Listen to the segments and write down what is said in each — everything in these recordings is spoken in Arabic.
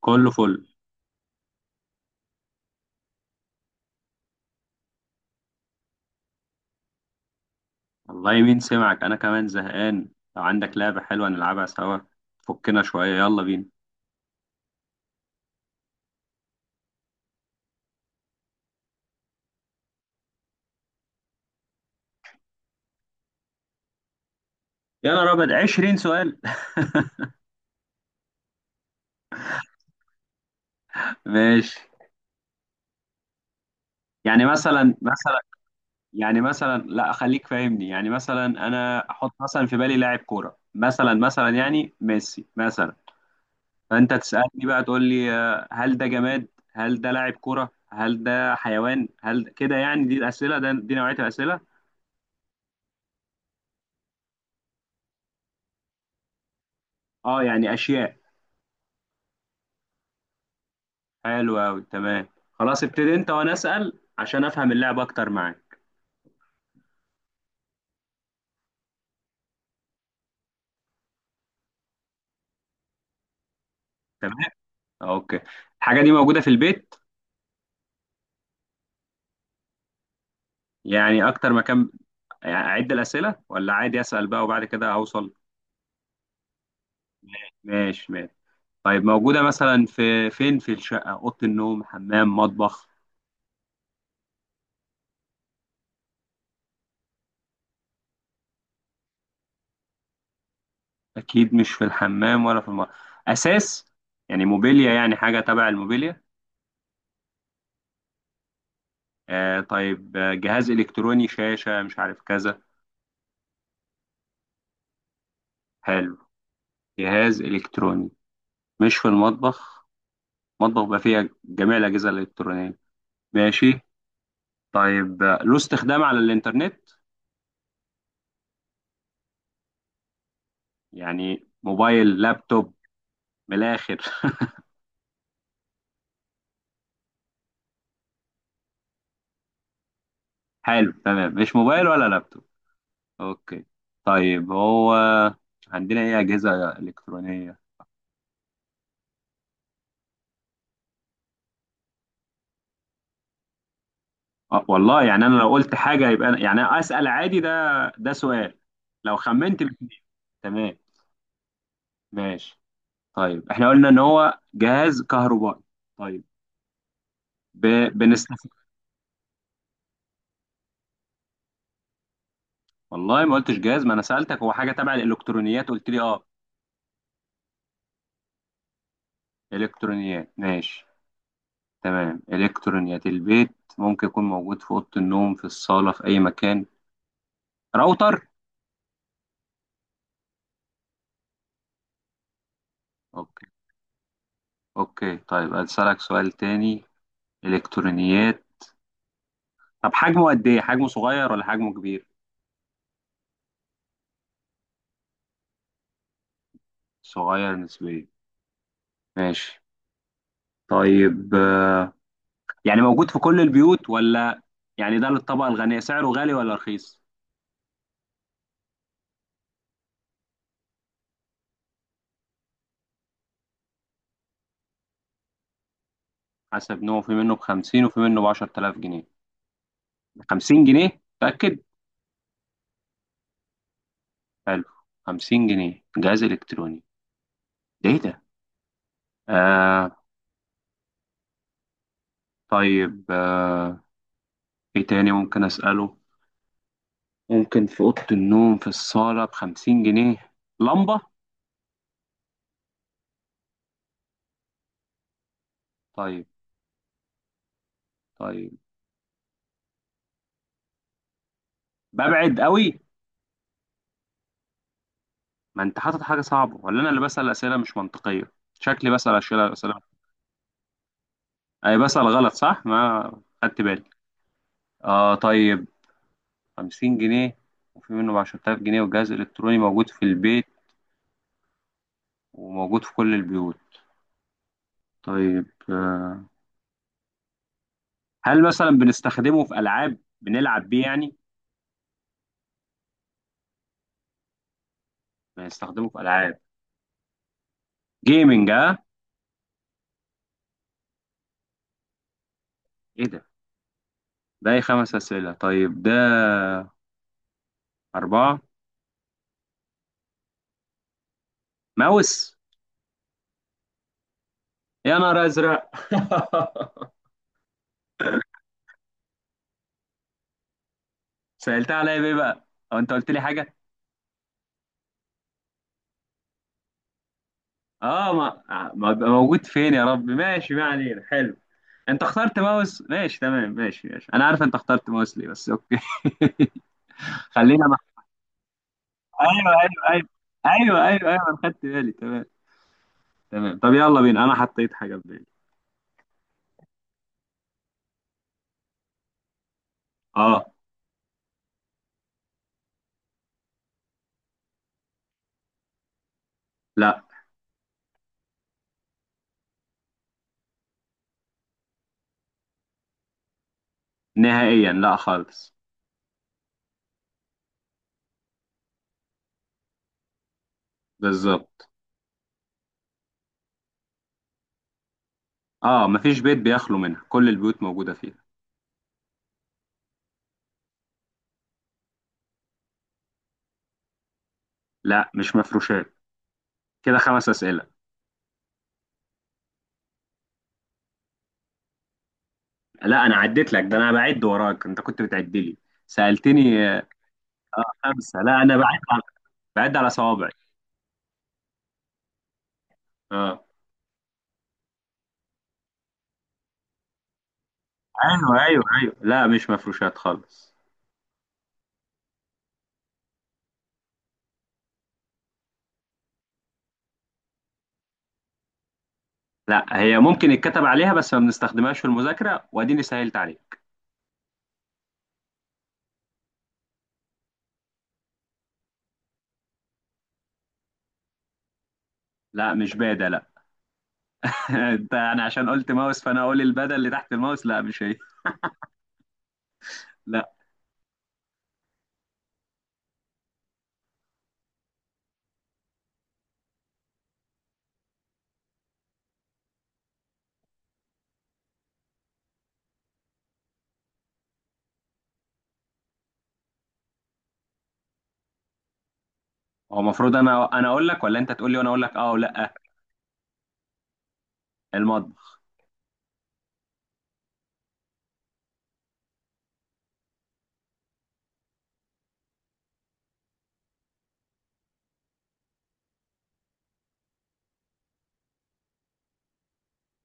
كله فل. والله مين سمعك، انا كمان زهقان. لو عندك لعبة حلوة نلعبها سوا. فكنا شوية، يلا بينا. يا نهار ابيض، 20 سؤال! ماشي. يعني مثلا. يعني مثلا لا، خليك فاهمني. يعني مثلا انا احط مثلا في بالي لاعب كورة، مثلا يعني ميسي مثلا. فانت تسألني بقى، تقول لي هل ده جماد، هل ده لاعب كورة، هل ده حيوان، هل كده. يعني دي الأسئلة، ده دي نوعية الأسئلة. اه يعني أشياء. حلو أوي، تمام. خلاص ابتدي أنت وأنا أسأل عشان أفهم اللعب أكتر معاك. تمام، أوكي. الحاجة دي موجودة في البيت؟ يعني أكتر مكان. يعني أعد الأسئلة ولا عادي أسأل بقى وبعد كده أوصل؟ ماشي ماشي. طيب موجودة مثلا في فين؟ في الشقة، أوضة النوم، حمام، مطبخ؟ أكيد مش في الحمام ولا في المطبخ أساس. يعني موبيليا، يعني حاجة تبع الموبيليا؟ آه طيب، جهاز إلكتروني، شاشة، مش عارف كذا. حلو، جهاز إلكتروني مش في المطبخ. مطبخ بيبقى فيها جميع الأجهزة الإلكترونية. ماشي. طيب له استخدام على الإنترنت؟ يعني موبايل، لابتوب، من الآخر. حلو تمام، مش موبايل ولا لابتوب. أوكي، طيب هو عندنا إيه أجهزة إلكترونية؟ أه والله يعني أنا لو قلت حاجة يبقى أنا يعني أسأل عادي، ده ده سؤال لو خمنت الاتنين. تمام. ماشي. طيب إحنا قلنا إن هو جهاز كهربائي. طيب ب... بنستخدمه. والله ما قلتش جهاز، ما انا سألتك هو حاجة تبع الالكترونيات قلت لي اه. الكترونيات ماشي. تمام، الكترونيات البيت. ممكن يكون موجود في اوضة النوم، في الصالة، في اي مكان. راوتر؟ اوكي اوكي، طيب اسألك سؤال تاني. الكترونيات. طب حجمه قد ايه؟ حجمه صغير ولا حجمه كبير؟ صغير نسبيا، ماشي. طيب يعني موجود في كل البيوت ولا يعني ده للطبقة الغنية؟ سعره غالي ولا رخيص؟ حسب نوعه، في منه ب50 وفي منه ب10000 جنيه. 50 جنيه متأكد. حلو، 50 جنيه جهاز إلكتروني، ده إيه ده؟ آه طيب آه إيه تاني ممكن أسأله؟ ممكن في أوضة النوم، في الصالة، ب50 جنيه. لمبة؟ طيب طيب. ببعد قوي. ما أنت حاطط حاجة صعبة ولا أنا اللي بسأل أسئلة مش منطقية؟ شكلي بسأل أسئلة. أي بسأل غلط صح؟ ما خدت بالي. طيب 50 جنيه، وفي منه ب10000 جنيه، وجهاز إلكتروني موجود في البيت وموجود في كل البيوت. طيب هل مثلا بنستخدمه في العاب، بنلعب بيه يعني؟ بنستخدمه في العاب، جيمنج، اه. ايه ده؟ ده 5 اسئله؟ طيب ده. 4. ماوس؟ يا نهار ازرق! سالتها عليا بايه بقى؟ او انت قلت لي حاجه؟ اه، ما بيبقى موجود فين؟ يا رب ماشي، ما علينا. حلو، انت اخترت ماوس. ماشي تمام، ماشي ماشي، انا عارف انت اخترت ماوس ليه بس، اوكي. خلينا مع... ايوه ايوه ايوه، ايوه ايوه ايوه، انا خدت بالي. تمام. تمام، طب يلا بينا انا حطيت حاجه في بالي. اه. لا. نهائيا لا خالص. بالظبط. اه، مفيش بيت بيخلو منها، كل البيوت موجودة فيها. لا مش مفروشات. كده 5 أسئلة. لا أنا عديت لك ده، أنا بعد وراك أنت كنت بتعد لي. سألتني 5. لا أنا بعد على، بعد على صوابعي. اه. أيوه أيوه أيوه، لا مش مفروشات خالص. لا هي ممكن يتكتب عليها بس ما بنستخدمهاش في المذاكرة، وأديني سهلت عليها. لا مش بادة لا. انا عشان قلت ماوس فانا اقول البدل اللي تحت الماوس، لا مش هي. لا. هو المفروض انا اقول لك ولا انت تقول لي وانا اقول لك اه ولا؟ المطبخ.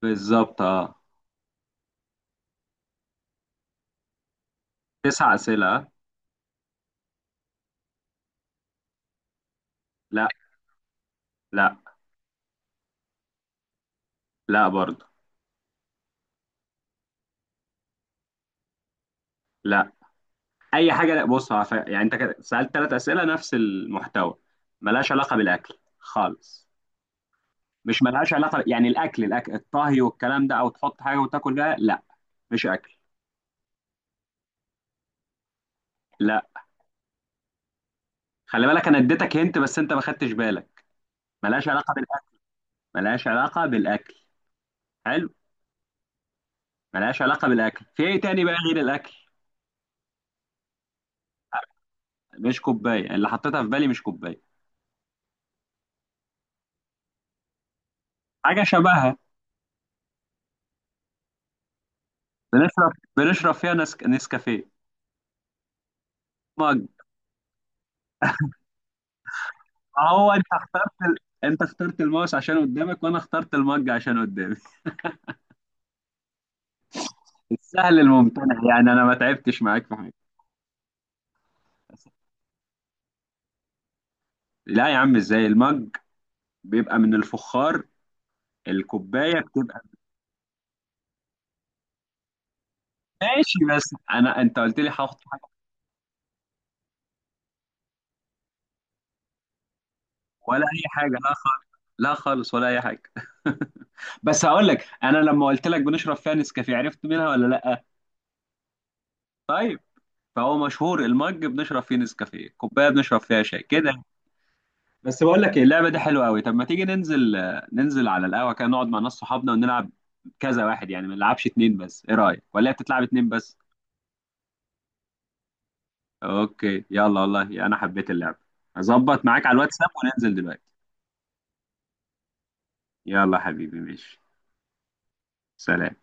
بالظبط، اه. 9 اسئله آه؟ لا. لا. لا برضه. لا اي حاجه لا. بص يعني انت كده سالت 3 اسئله نفس المحتوى، ملهاش علاقه بالاكل خالص. مش ملهاش علاقه، يعني الاكل الطهي والكلام ده، او تحط حاجه وتاكل بيها، لا مش اكل. لا، خلي بالك انا اديتك هنت بس انت ما خدتش بالك. ملهاش علاقه بالاكل. ملهاش علاقه بالاكل. حلو. ملهاش علاقه بالاكل، في ايه تاني بقى غير الاكل؟ مش كوبايه، اللي حطيتها في بالي مش كوبايه. حاجه شبهها. بنشرب فيها نسكافيه. مج. هو انت اخترت انت اخترت الماوس عشان قدامك وانا اخترت المج عشان قدامي. السهل الممتنع، يعني انا ما تعبتش معاك في حاجه. لا يا عم، ازاي المج بيبقى من الفخار، الكوبايه بتبقى. ماشي، بس انت قلت لي هحط حاجه. ولا اي حاجه، لا خالص. لا خالص، ولا اي حاجه. بس هقول لك، انا لما قلت لك بنشرب فيها نسكافيه عرفت منها ولا لا؟ طيب. فهو مشهور المج بنشرب فيه نسكافيه، كوبايه بنشرب فيها شاي كده. بس بقول لك ايه، اللعبه دي حلوه قوي. طب ما تيجي ننزل، ننزل على القهوه كده نقعد مع ناس صحابنا ونلعب كذا واحد، يعني ما نلعبش 2 بس. ايه رايك؟ ولا هي بتتلعب 2 بس؟ اوكي يلا، والله انا حبيت اللعبه. هظبط معاك على الواتساب وننزل دلوقتي. يلا حبيبي، ماشي. سلام.